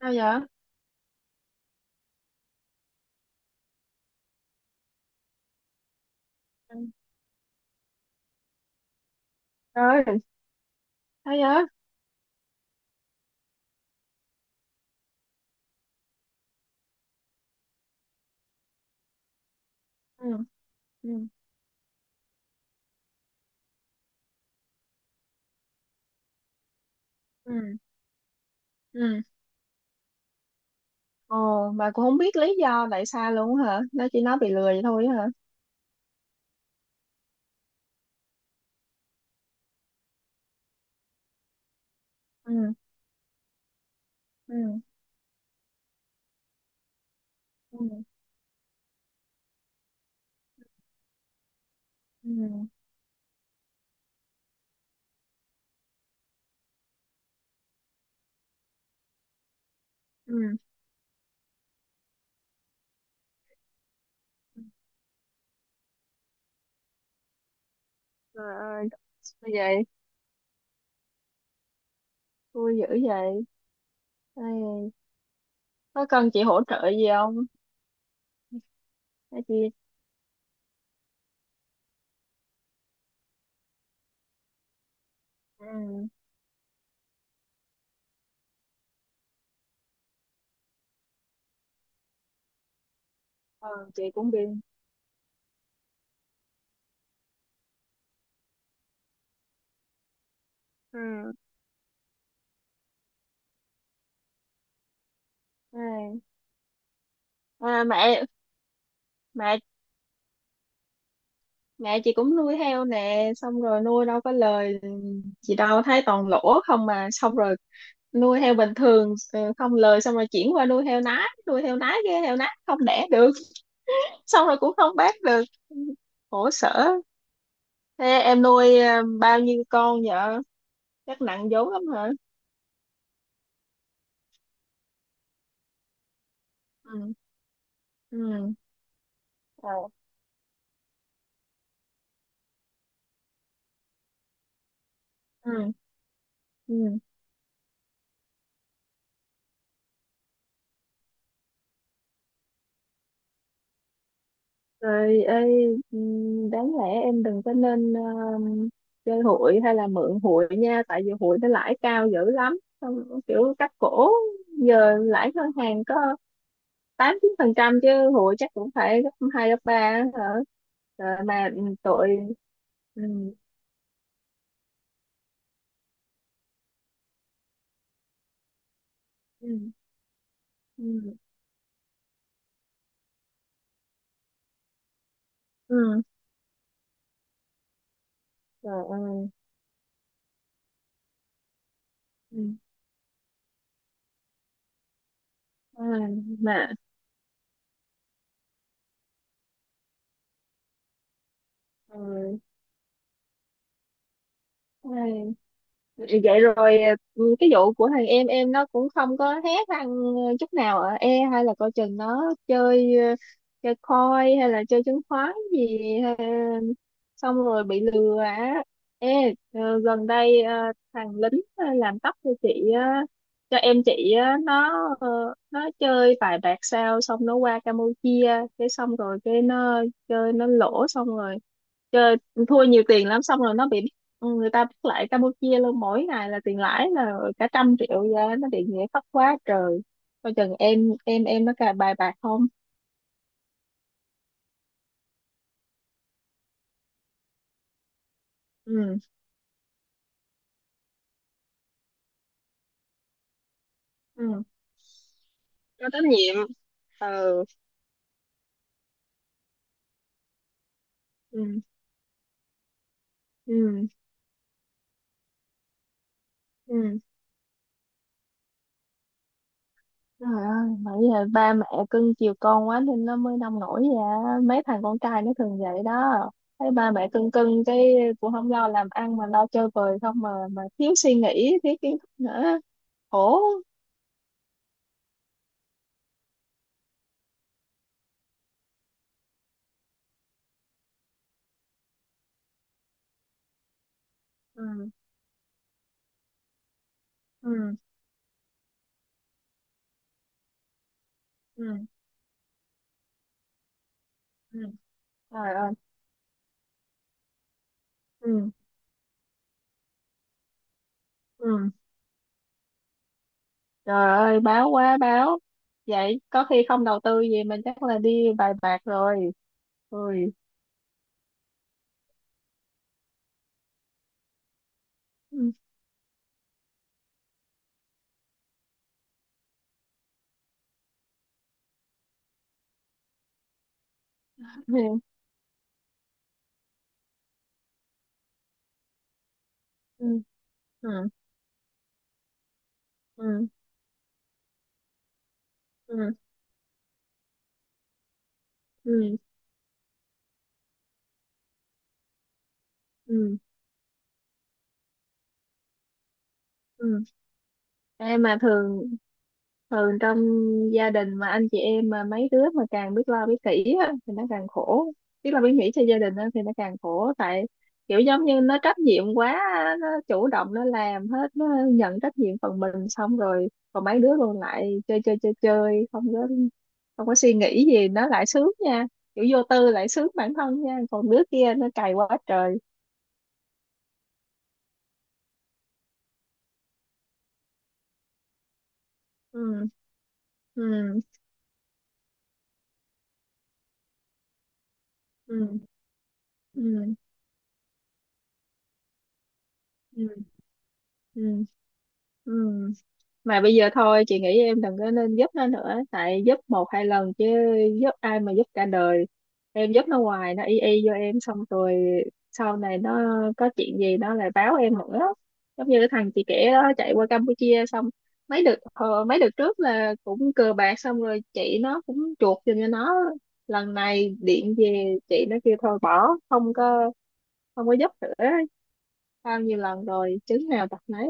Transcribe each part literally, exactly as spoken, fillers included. Sao vậy? Ừ. Rồi. Sao vậy? Ừ. Ừ. Ừ. Ừ. Ồ. Bà cũng không biết lý do tại sao luôn hả? Nó chỉ nói bị lừa vậy thôi hả? Ừ. Ừ. Ừ. Ừ. Ừ. Trời ơi. Như vậy. Vui dữ vậy. Ê, có cần chị hỗ trợ gì không? Ê, chị. Ừ. ờ, chị cũng bị. Ừ. Ê. à, mẹ mẹ mẹ chị cũng nuôi heo nè, xong rồi nuôi đâu có lời. Chị đâu thấy toàn lỗ không, mà xong rồi nuôi heo bình thường ờ, không lời, xong rồi chuyển qua nuôi heo nái, nuôi heo nái cái heo nái không đẻ được, xong rồi cũng không bán được. Khổ sở. Thế em nuôi ờ, bao nhiêu con vợ? Chắc nặng vốn lắm hả? Ừ. Ừ. Ờ. Ừ. Ừ. Rồi ơi. Ừ, đáng lẽ em đừng có nên ờ, chơi hụi hay là mượn hụi nha, tại vì hụi nó lãi cao dữ lắm. Xong kiểu cắt cổ. Giờ lãi ngân hàng có tám chín phần trăm, chứ hụi chắc cũng phải gấp hai gấp ba á hả? Rồi mà, ừ, tội. Ừ. Ừ. Ừ. Ừ. Trời ơi. Ừ. À. Mà ừ. Ai. Vậy rồi. Ừ, cái vụ của thằng em em nó cũng không có hé răng chút nào. Ở e hay là coi chừng nó chơi ờ, chơi coin hay là chơi chứng khoán gì, ờ, xong rồi bị lừa á. Ê, ờ, gần đây ờ, thằng lính ờ, làm tóc cho chị á, cho em chị á, nó ờ, nó chơi vài bạc sao, xong nó qua Campuchia, cái xong rồi cái nó chơi nó lỗ, xong rồi chơi thua nhiều tiền lắm, xong rồi nó bị người ta bắt lại Campuchia luôn. Mỗi ngày là tiền lãi là cả trăm triệu ra, nó bị nghĩa phát quá trời. Coi chừng em em em nó cà bài bạc không? Ừ. Ừ. Có trách nhiệm. Ừ. Ừ. Ừ. Ừ. Trời ơi, bởi vì ba mẹ cưng chiều con quá nên nó mới nông nổi vậy á. Mấy thằng con trai nó thường vậy đó, thấy ba mẹ cưng cưng cái cũng không lo làm ăn mà lo chơi bời không, mà mà thiếu suy nghĩ, thiếu kiến thức nữa. Khổ. Ừ. Ừ. Ừ. Ừ. Trời ơi. Ừ. Ừ. Trời ơi, báo quá báo. Vậy có khi không đầu tư gì, mình chắc là đi bài bạc rồi. Ui. Ừ. Ừ. Ừ. Ừ. Ừ. Ừ. Ừ. Ừ. Ừ. Em mà thường thường trong gia đình, mà anh chị em mà mấy đứa mà càng biết lo biết kỹ á, thì nó càng khổ. Biết lo biết nghĩ cho gia đình á, thì nó càng khổ. Tại kiểu giống như nó trách nhiệm quá á, nó chủ động nó làm hết, nó nhận trách nhiệm phần mình, xong rồi còn mấy đứa còn lại chơi chơi chơi chơi, không có không có suy nghĩ gì, nó lại sướng nha. Kiểu vô tư lại sướng bản thân nha, còn đứa kia nó cày quá trời. Ừ. Ừ. Ừ. Ừ. Ừ. Ừ. Ừ. Mà bây giờ thôi, chị nghĩ em đừng có nên giúp nó nữa, tại giúp một hai lần chứ giúp ai mà giúp cả đời. Em giúp nó hoài nó y y vô em, xong rồi sau này nó có chuyện gì nó lại báo em nữa. Giống như cái thằng chị kể đó, chạy qua Campuchia xong. Mấy đợt hồi- mấy đợt trước là cũng cờ bạc, xong rồi chị nó cũng chuộc giùm cho nó. Lần này điện về, chị nó kêu thôi bỏ, không có không có giúp nữa. Bao nhiêu lần rồi, chứng nào tật nấy.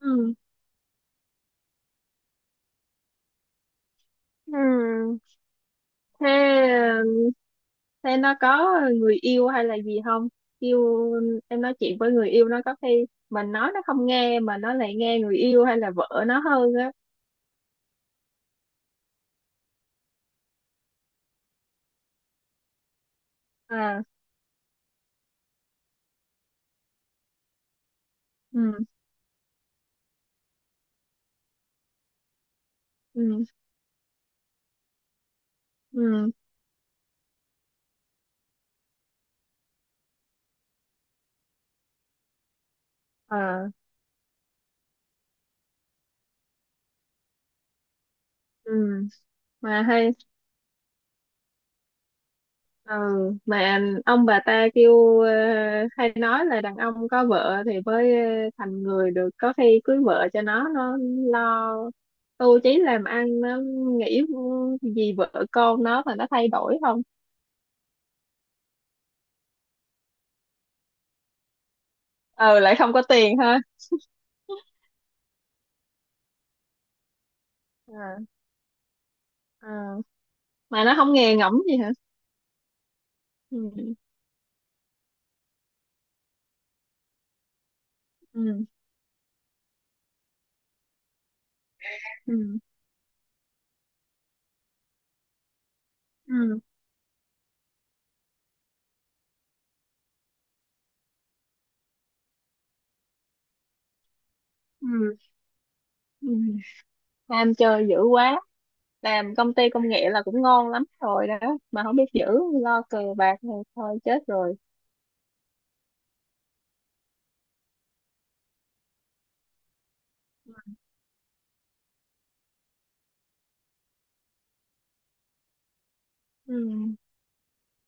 Ừ. Ừ. Thế, thế nó có người yêu hay là gì không? Yêu, em nói chuyện với người yêu nó. Có khi mình nói nó không nghe, mà nó lại nghe người yêu hay là vợ nó hơn á. À. Ừ. Ừ. Ừ. Ờ. Ừ. Mà hay, ừ, mà ông bà ta kêu ờ, hay nói là đàn ông có vợ thì mới ờ, thành người được. Có khi cưới vợ cho nó nó lo tu chí làm ăn, nó nghĩ gì vợ con nó mà nó thay đổi không? Ừ, lại không có tiền ha. À. À, mà nó không nghe ngẫm gì hả? Ừ. Ừ. Ừ. Ừ. Ừ. Ừ. Nam chơi dữ quá. Làm công ty công nghệ là cũng ngon lắm rồi đó, mà không biết giữ, lo cờ bạc này thôi chết rồi.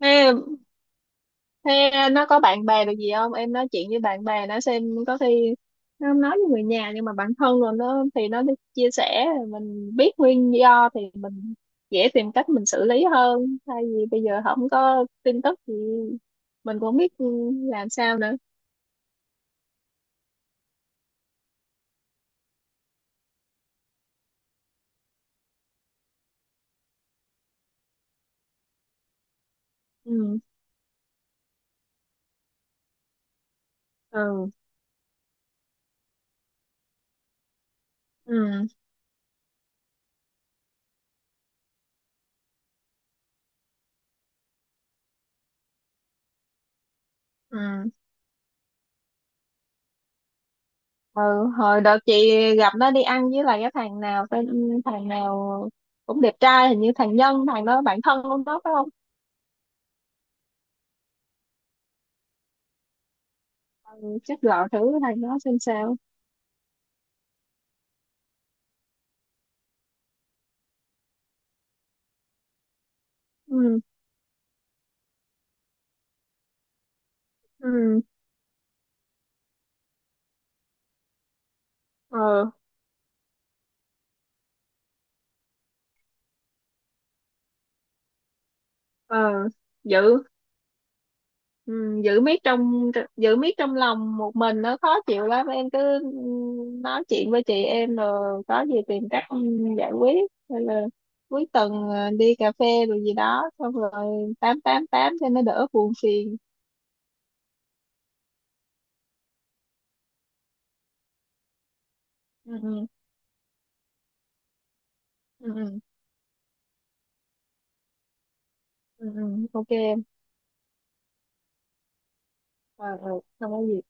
Ừ. Thế ờ, nó có bạn bè được gì không? Em nói chuyện với bạn bè nó xem, có khi nó không nói với người nhà, nhưng mà bản thân rồi nó thì nó đi chia sẻ, mình biết nguyên do thì mình dễ tìm cách mình xử lý hơn. Thay vì bây giờ không có tin tức thì mình cũng không biết ừ, làm sao nữa. Ừ. Ừ. Ừ. Ừ. Ừ. Hồi đợt chị gặp nó đi ăn với lại cái thằng nào tên ừ, thằng nào cũng đẹp trai, hình như thằng Nhân, thằng đó bạn thân của nó phải không? Ừ, chắc gọi thử thằng đó xem sao. Ừ. Ừ. Ờ. Ờ. Giữ. Ừ, giữ miết trong, giữ miết trong lòng một mình nó khó chịu lắm. Em cứ ừ, nói chuyện với chị em rồi có gì tìm cách giải quyết, hay là cuối tuần ờ, đi cà phê rồi gì đó, xong rồi tám tám tám cho nó đỡ buồn phiền. Ừ. Ừ. Ừ. Ừ. Ừ, ừ, ok em. Ờ. Ờ. Không có gì.